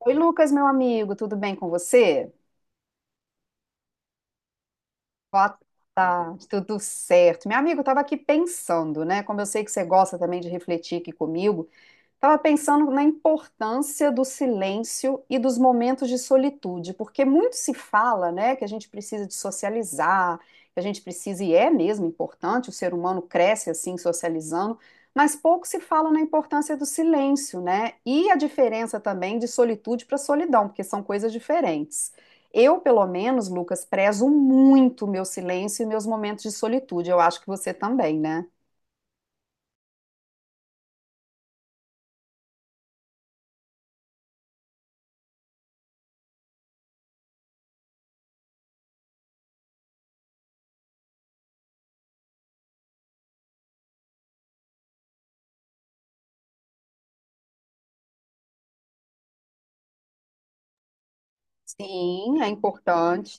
Oi, Lucas, meu amigo, tudo bem com você? Boa tarde, tudo certo. Meu amigo, eu estava aqui pensando, né? Como eu sei que você gosta também de refletir aqui comigo, estava pensando na importância do silêncio e dos momentos de solitude, porque muito se fala, né, que a gente precisa de socializar, que a gente precisa, e é mesmo importante, o ser humano cresce assim, socializando, mas pouco se fala na importância do silêncio, né, e a diferença também de solitude para solidão, porque são coisas diferentes. Eu, pelo menos, Lucas, prezo muito o meu silêncio e meus momentos de solitude. Eu acho que você também, né? Sim, é importante.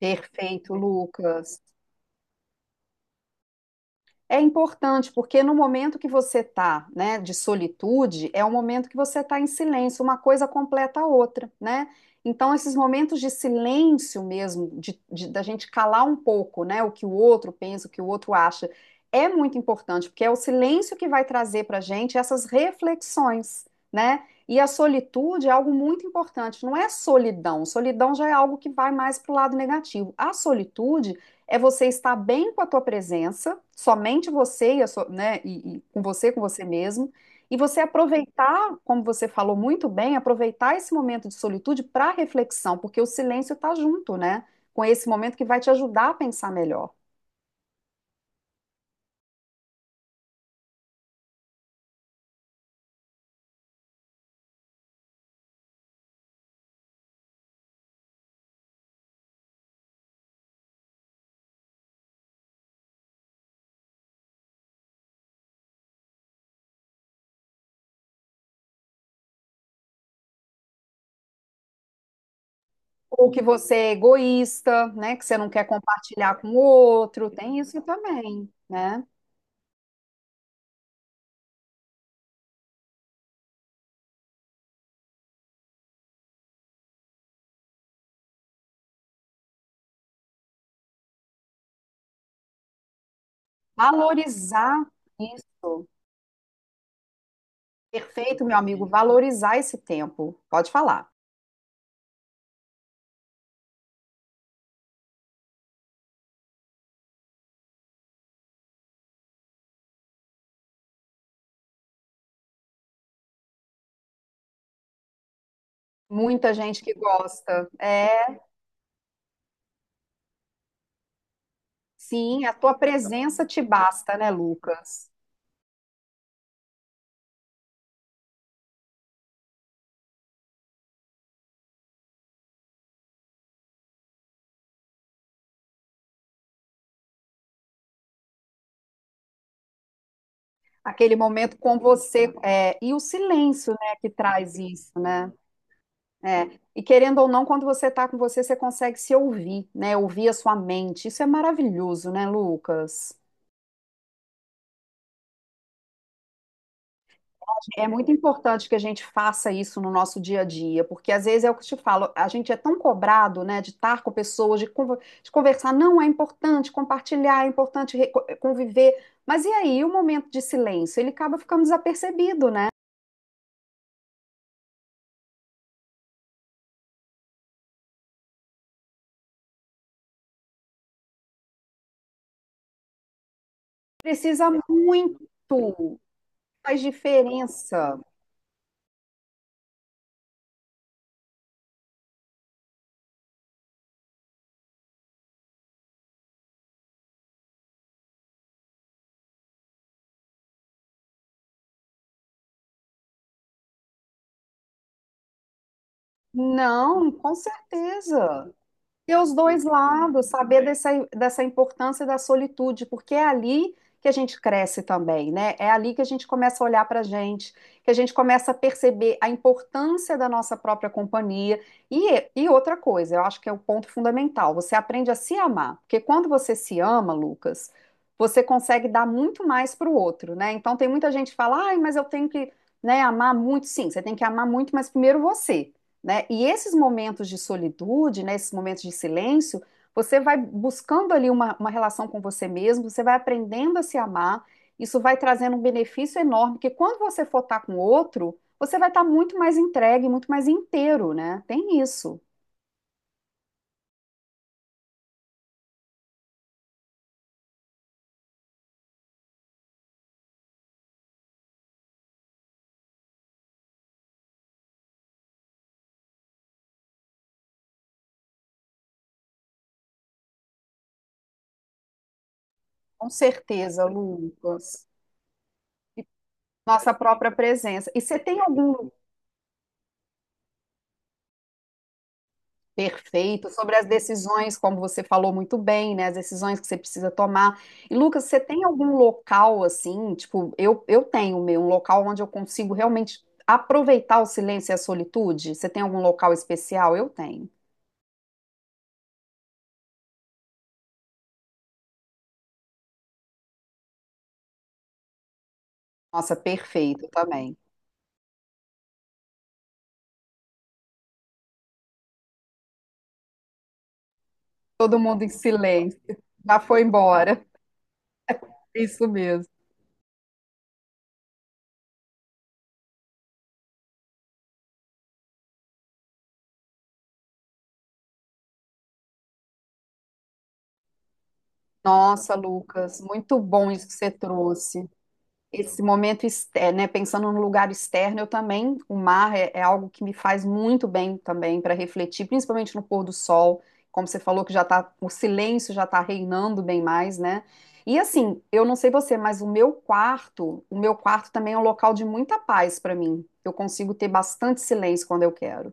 Perfeito, Lucas. É importante porque no momento que você está, né, de solitude, é o momento que você está em silêncio, uma coisa completa a outra, né? Então, esses momentos de silêncio mesmo, da gente calar um pouco, né, o que o outro pensa, o que o outro acha, é muito importante, porque é o silêncio que vai trazer para a gente essas reflexões, né? E a solitude é algo muito importante, não é solidão, solidão já é algo que vai mais para o lado negativo. A solitude é você estar bem com a tua presença, somente você e, a sua- né, e com você mesmo, e você aproveitar, como você falou muito bem, aproveitar esse momento de solitude para reflexão, porque o silêncio está junto, né, com esse momento que vai te ajudar a pensar melhor. Ou que você é egoísta, né, que você não quer compartilhar com o outro, tem isso também, né? Valorizar isso. Perfeito, meu amigo, valorizar esse tempo. Pode falar. Muita gente que gosta. É, sim, a tua presença te basta, né, Lucas? Aquele momento com você, é, e o silêncio, né, que traz isso, né? É, e querendo ou não, quando você está com você, você consegue se ouvir, né? Ouvir a sua mente. Isso é maravilhoso, né, Lucas? É muito importante que a gente faça isso no nosso dia a dia, porque às vezes é o que eu te falo, a gente é tão cobrado, né, de estar com pessoas, de conversar. Não, é importante compartilhar, é importante conviver. Mas e aí, o momento de silêncio? Ele acaba ficando desapercebido, né? Precisa muito, faz diferença. Não, com certeza. Ter os dois lados, saber dessa importância da solitude, porque é ali que a gente cresce também, né? É ali que a gente começa a olhar para a gente, que a gente começa a perceber a importância da nossa própria companhia. E outra coisa, eu acho que é o ponto fundamental, você aprende a se amar, porque quando você se ama, Lucas, você consegue dar muito mais para o outro, né? Então tem muita gente que fala, ai, mas eu tenho que, né, amar muito. Sim, você tem que amar muito, mas primeiro você, né? E esses momentos de solitude, né, esses momentos de silêncio, você vai buscando ali uma relação com você mesmo, você vai aprendendo a se amar, isso vai trazendo um benefício enorme, porque quando você for estar com outro, você vai estar muito mais entregue, muito mais inteiro, né? Tem isso, com certeza, Lucas. Nossa própria presença. E você tem algum... Perfeito, sobre as decisões, como você falou muito bem, né? As decisões que você precisa tomar. E Lucas, você tem algum local assim? Tipo, eu, tenho meu, um local onde eu consigo realmente aproveitar o silêncio e a solitude? Você tem algum local especial? Eu tenho. Nossa, perfeito também. Todo mundo em silêncio. Já foi embora. Isso mesmo. Nossa, Lucas, muito bom isso que você trouxe. Esse momento, é, né, pensando no lugar externo, eu também, o mar é algo que me faz muito bem também para refletir, principalmente no pôr do sol, como você falou que já tá, o silêncio já está reinando bem mais, né? E assim, eu não sei você, mas o meu quarto também é um local de muita paz para mim. Eu consigo ter bastante silêncio quando eu quero.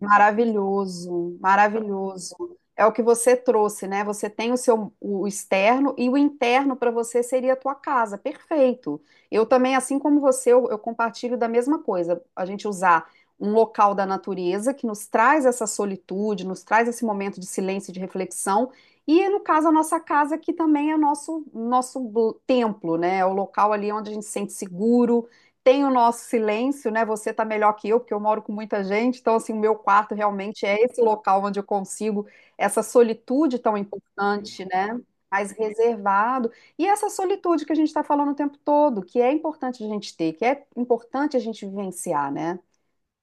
Maravilhoso, maravilhoso. É o que você trouxe, né? Você tem o seu o externo e o interno para você seria a tua casa. Perfeito. Eu também, assim como você, eu compartilho da mesma coisa. A gente usar um local da natureza que nos traz essa solitude, nos traz esse momento de silêncio, e de reflexão. E, no caso, a nossa casa, que também é o nosso templo, né? É o local ali onde a gente se sente seguro, tem o nosso silêncio, né? Você tá melhor que eu, porque eu moro com muita gente, então assim, o meu quarto realmente é esse local onde eu consigo essa solitude tão importante, né? Mais reservado. E essa solitude que a gente está falando o tempo todo, que é importante a gente ter, que é importante a gente vivenciar, né?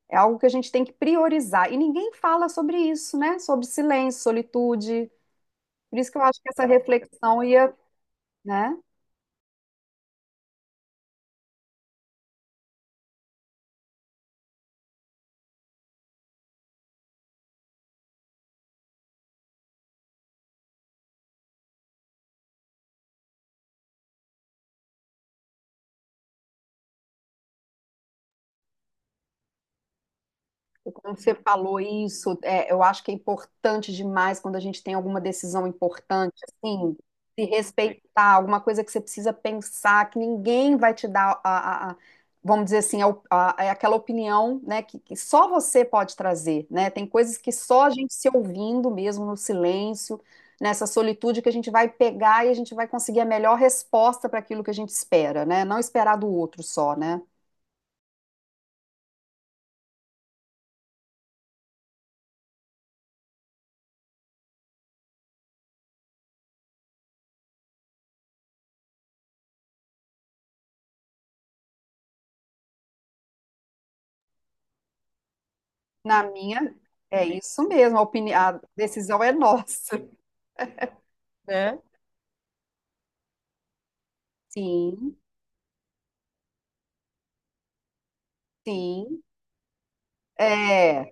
É algo que a gente tem que priorizar. E ninguém fala sobre isso, né? Sobre silêncio, solitude. Por isso que eu acho que essa reflexão ia, né? E como você falou isso, é, eu acho que é importante demais quando a gente tem alguma decisão importante, assim, se respeitar, alguma coisa que você precisa pensar, que ninguém vai te dar vamos dizer assim, a, op- a- a- aquela opinião, né, que só você pode trazer, né? Tem coisas que só a gente se ouvindo mesmo no silêncio, nessa solitude que a gente vai pegar e a gente vai conseguir a melhor resposta para aquilo que a gente espera, né? Não esperar do outro só, né? Na minha, é isso mesmo, a decisão é nossa. Né? Sim, sim, é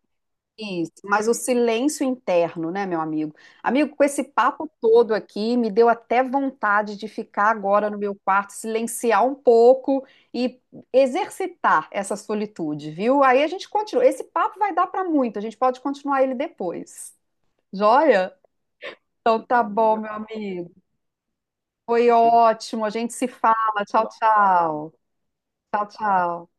isso. Mas o silêncio interno, né, meu amigo? Amigo, com esse papo todo aqui, me deu até vontade de ficar agora no meu quarto, silenciar um pouco e exercitar essa solitude, viu? Aí a gente continua. Esse papo vai dar para muito, a gente pode continuar ele depois. Joia? Então tá bom, meu amigo. Foi ótimo, a gente se fala. Tchau, tchau. Tchau, tchau.